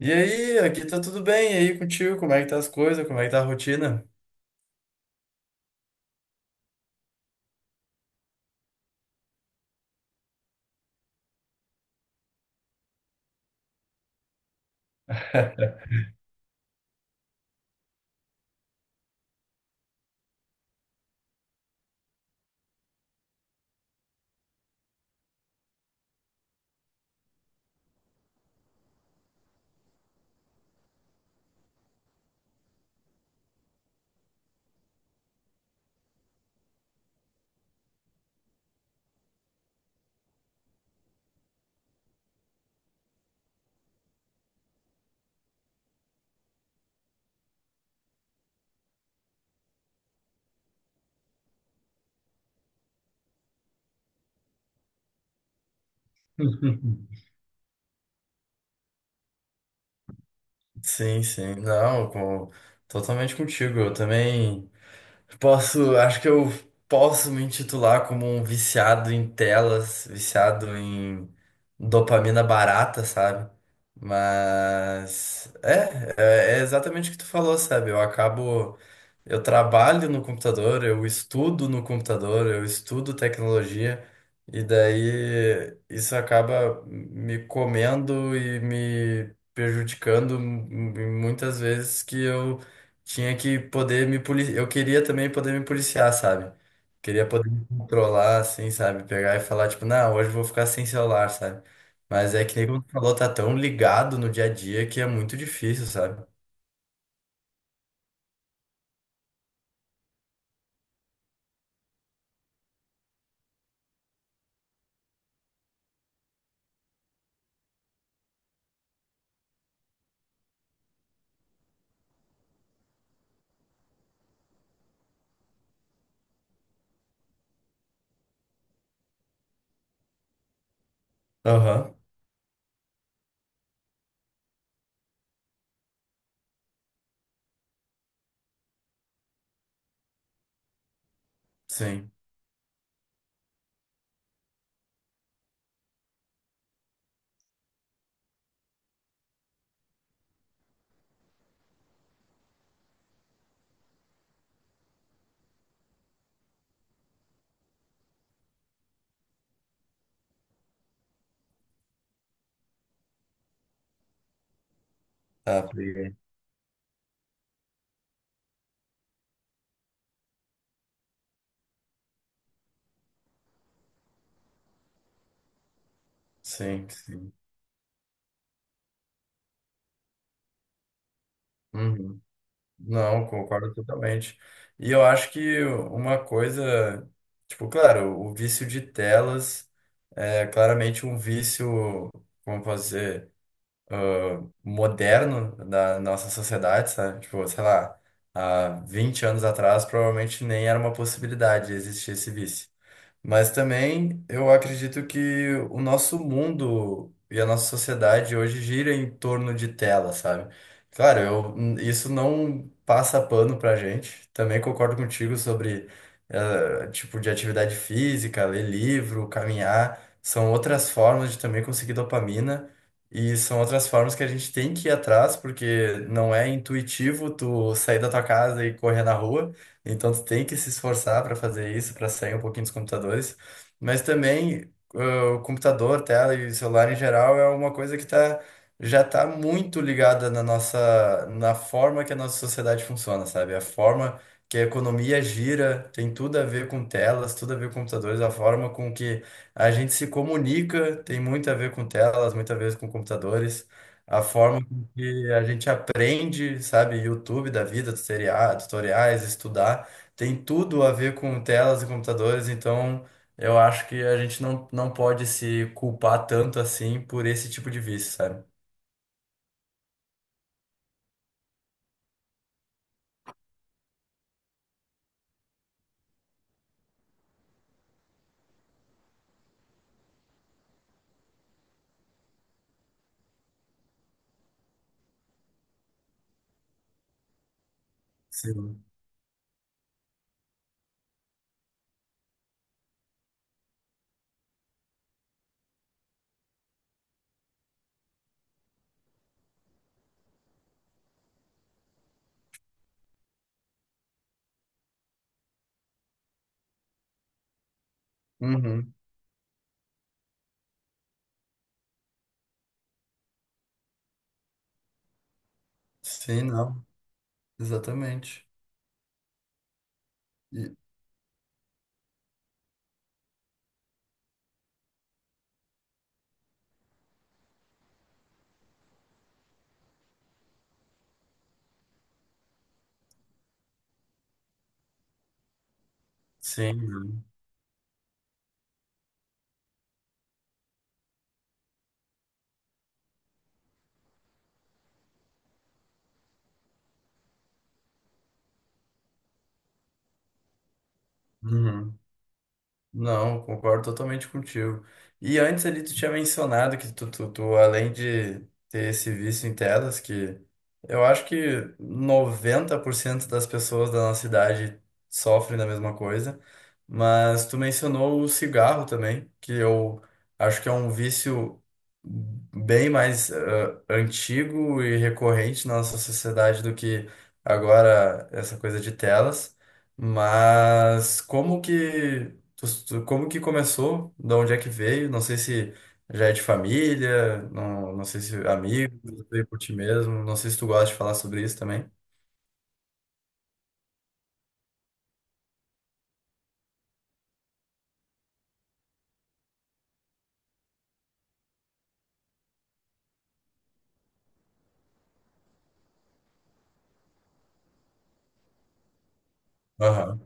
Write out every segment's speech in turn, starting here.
E aí, aqui tá tudo bem. E aí contigo, como é que tá as coisas, como é que tá a rotina? Sim, sim, não, totalmente contigo. Eu também posso, acho que eu posso me intitular como um viciado em telas, viciado em dopamina barata, sabe? Mas, é exatamente o que tu falou, sabe? Eu acabo. Eu trabalho no computador, eu estudo no computador, eu estudo tecnologia, e daí isso acaba me comendo e me prejudicando muitas vezes que eu tinha que poder me policiar. Eu queria também poder me policiar, sabe? Queria poder me controlar, assim, sabe? Pegar e falar, tipo, não, hoje eu vou ficar sem celular, sabe? Mas é que nem como tu falou, tá tão ligado no dia a dia que é muito difícil, sabe? Aham, sim. Tá. Sim, sim. Uhum. Não, concordo totalmente. E eu acho que uma coisa, tipo, claro, o vício de telas é claramente um vício, como fazer, moderno da nossa sociedade, sabe? Tipo, sei lá, há 20 anos atrás provavelmente nem era uma possibilidade de existir esse vício. Mas também eu acredito que o nosso mundo e a nossa sociedade hoje gira em torno de tela, sabe? Claro, eu, isso não passa pano pra gente. Também concordo contigo sobre tipo de atividade física, ler livro, caminhar. São outras formas de também conseguir dopamina e são outras formas que a gente tem que ir atrás, porque não é intuitivo tu sair da tua casa e correr na rua. Então tu tem que se esforçar para fazer isso, para sair um pouquinho dos computadores. Mas também o computador, tela e celular em geral é uma coisa que tá, já está muito ligada na nossa, na forma que a nossa sociedade funciona, sabe? A forma que a economia gira tem tudo a ver com telas, tudo a ver com computadores. A forma com que a gente se comunica tem muito a ver com telas, muito a ver com computadores. A forma e a gente aprende, sabe, YouTube da vida, tutoriais, estudar, tem tudo a ver com telas e computadores. Então eu acho que a gente não pode se culpar tanto assim por esse tipo de vício, sabe? Sim. Uhum. Sim, não. Exatamente. E- Sim, não. Uhum. Não, concordo totalmente contigo. E antes ali tu tinha mencionado que além de ter esse vício em telas, que eu acho que 90% das pessoas da nossa idade sofrem da mesma coisa. Mas tu mencionou o cigarro também, que eu acho que é um vício bem mais antigo e recorrente na nossa sociedade do que agora essa coisa de telas. Mas como que como que começou? De onde é que veio? Não sei se já é de família, não, não sei se amigo, se veio por ti mesmo, não sei se tu gosta de falar sobre isso também. Aham.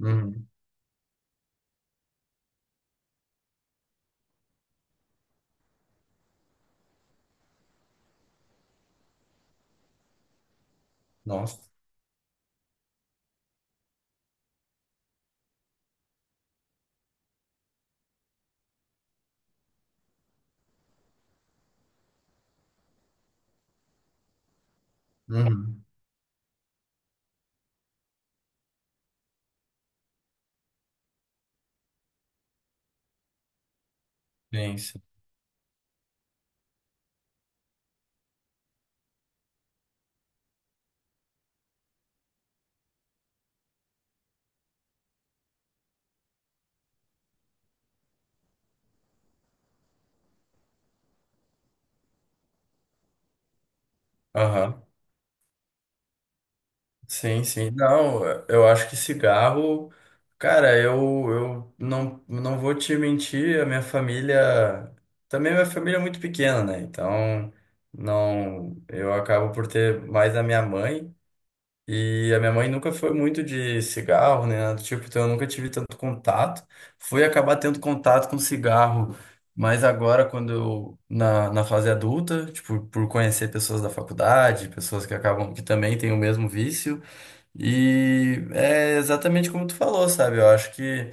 Uhum. Nossa. Uhum. Sim, sim. Aham. Sim, sim. Não, eu acho que cigarro, cara, eu não vou te mentir. A minha família, também minha família é muito pequena, né? Então, não, eu acabo por ter mais a minha mãe. E a minha mãe nunca foi muito de cigarro, né? Nada do tipo, então eu nunca tive tanto contato. Fui acabar tendo contato com cigarro, mas agora, quando eu, na fase adulta, tipo, por conhecer pessoas da faculdade, pessoas que acabam, que também têm o mesmo vício. E é exatamente como tu falou, sabe? Eu acho que.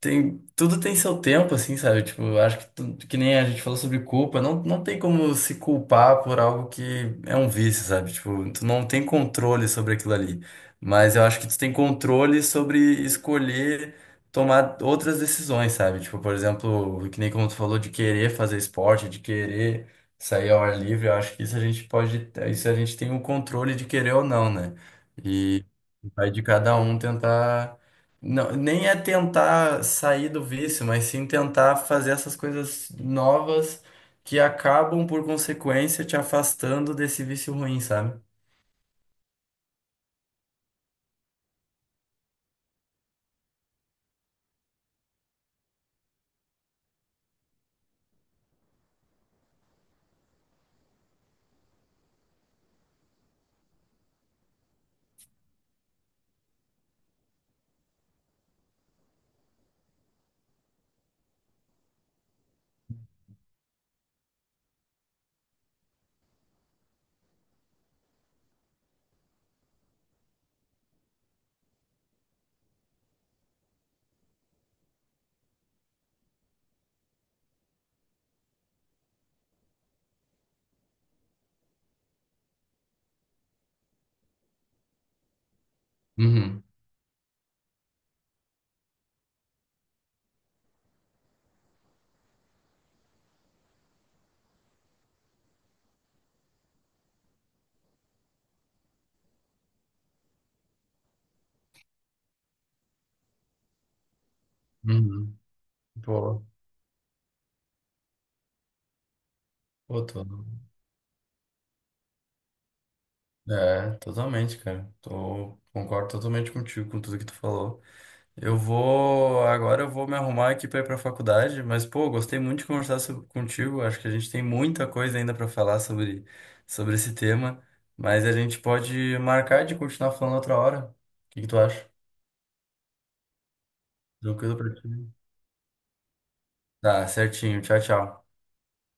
Tem, tudo tem seu tempo, assim, sabe? Tipo, eu acho que que nem a gente falou sobre culpa, não, não tem como se culpar por algo que é um vício, sabe? Tipo, tu não tem controle sobre aquilo ali. Mas eu acho que tu tem controle sobre escolher tomar outras decisões, sabe? Tipo, por exemplo, que nem como tu falou de querer fazer esporte, de querer sair ao ar livre, eu acho que isso a gente pode, isso a gente tem o controle de querer ou não, né? E vai de cada um tentar não, nem é tentar sair do vício, mas sim tentar fazer essas coisas novas que acabam, por consequência, te afastando desse vício ruim, sabe? Uhum, uhum. Boa. Pô, tô. É, totalmente, cara. Tô. Concordo totalmente contigo com tudo que tu falou. Eu vou. Agora eu vou me arrumar aqui para ir para a faculdade. Mas, pô, gostei muito de conversar contigo. Acho que a gente tem muita coisa ainda para falar sobre, sobre esse tema, mas a gente pode marcar de continuar falando outra hora. O que que tu acha? Tranquilo pra ti? Tá, certinho. Tchau, tchau.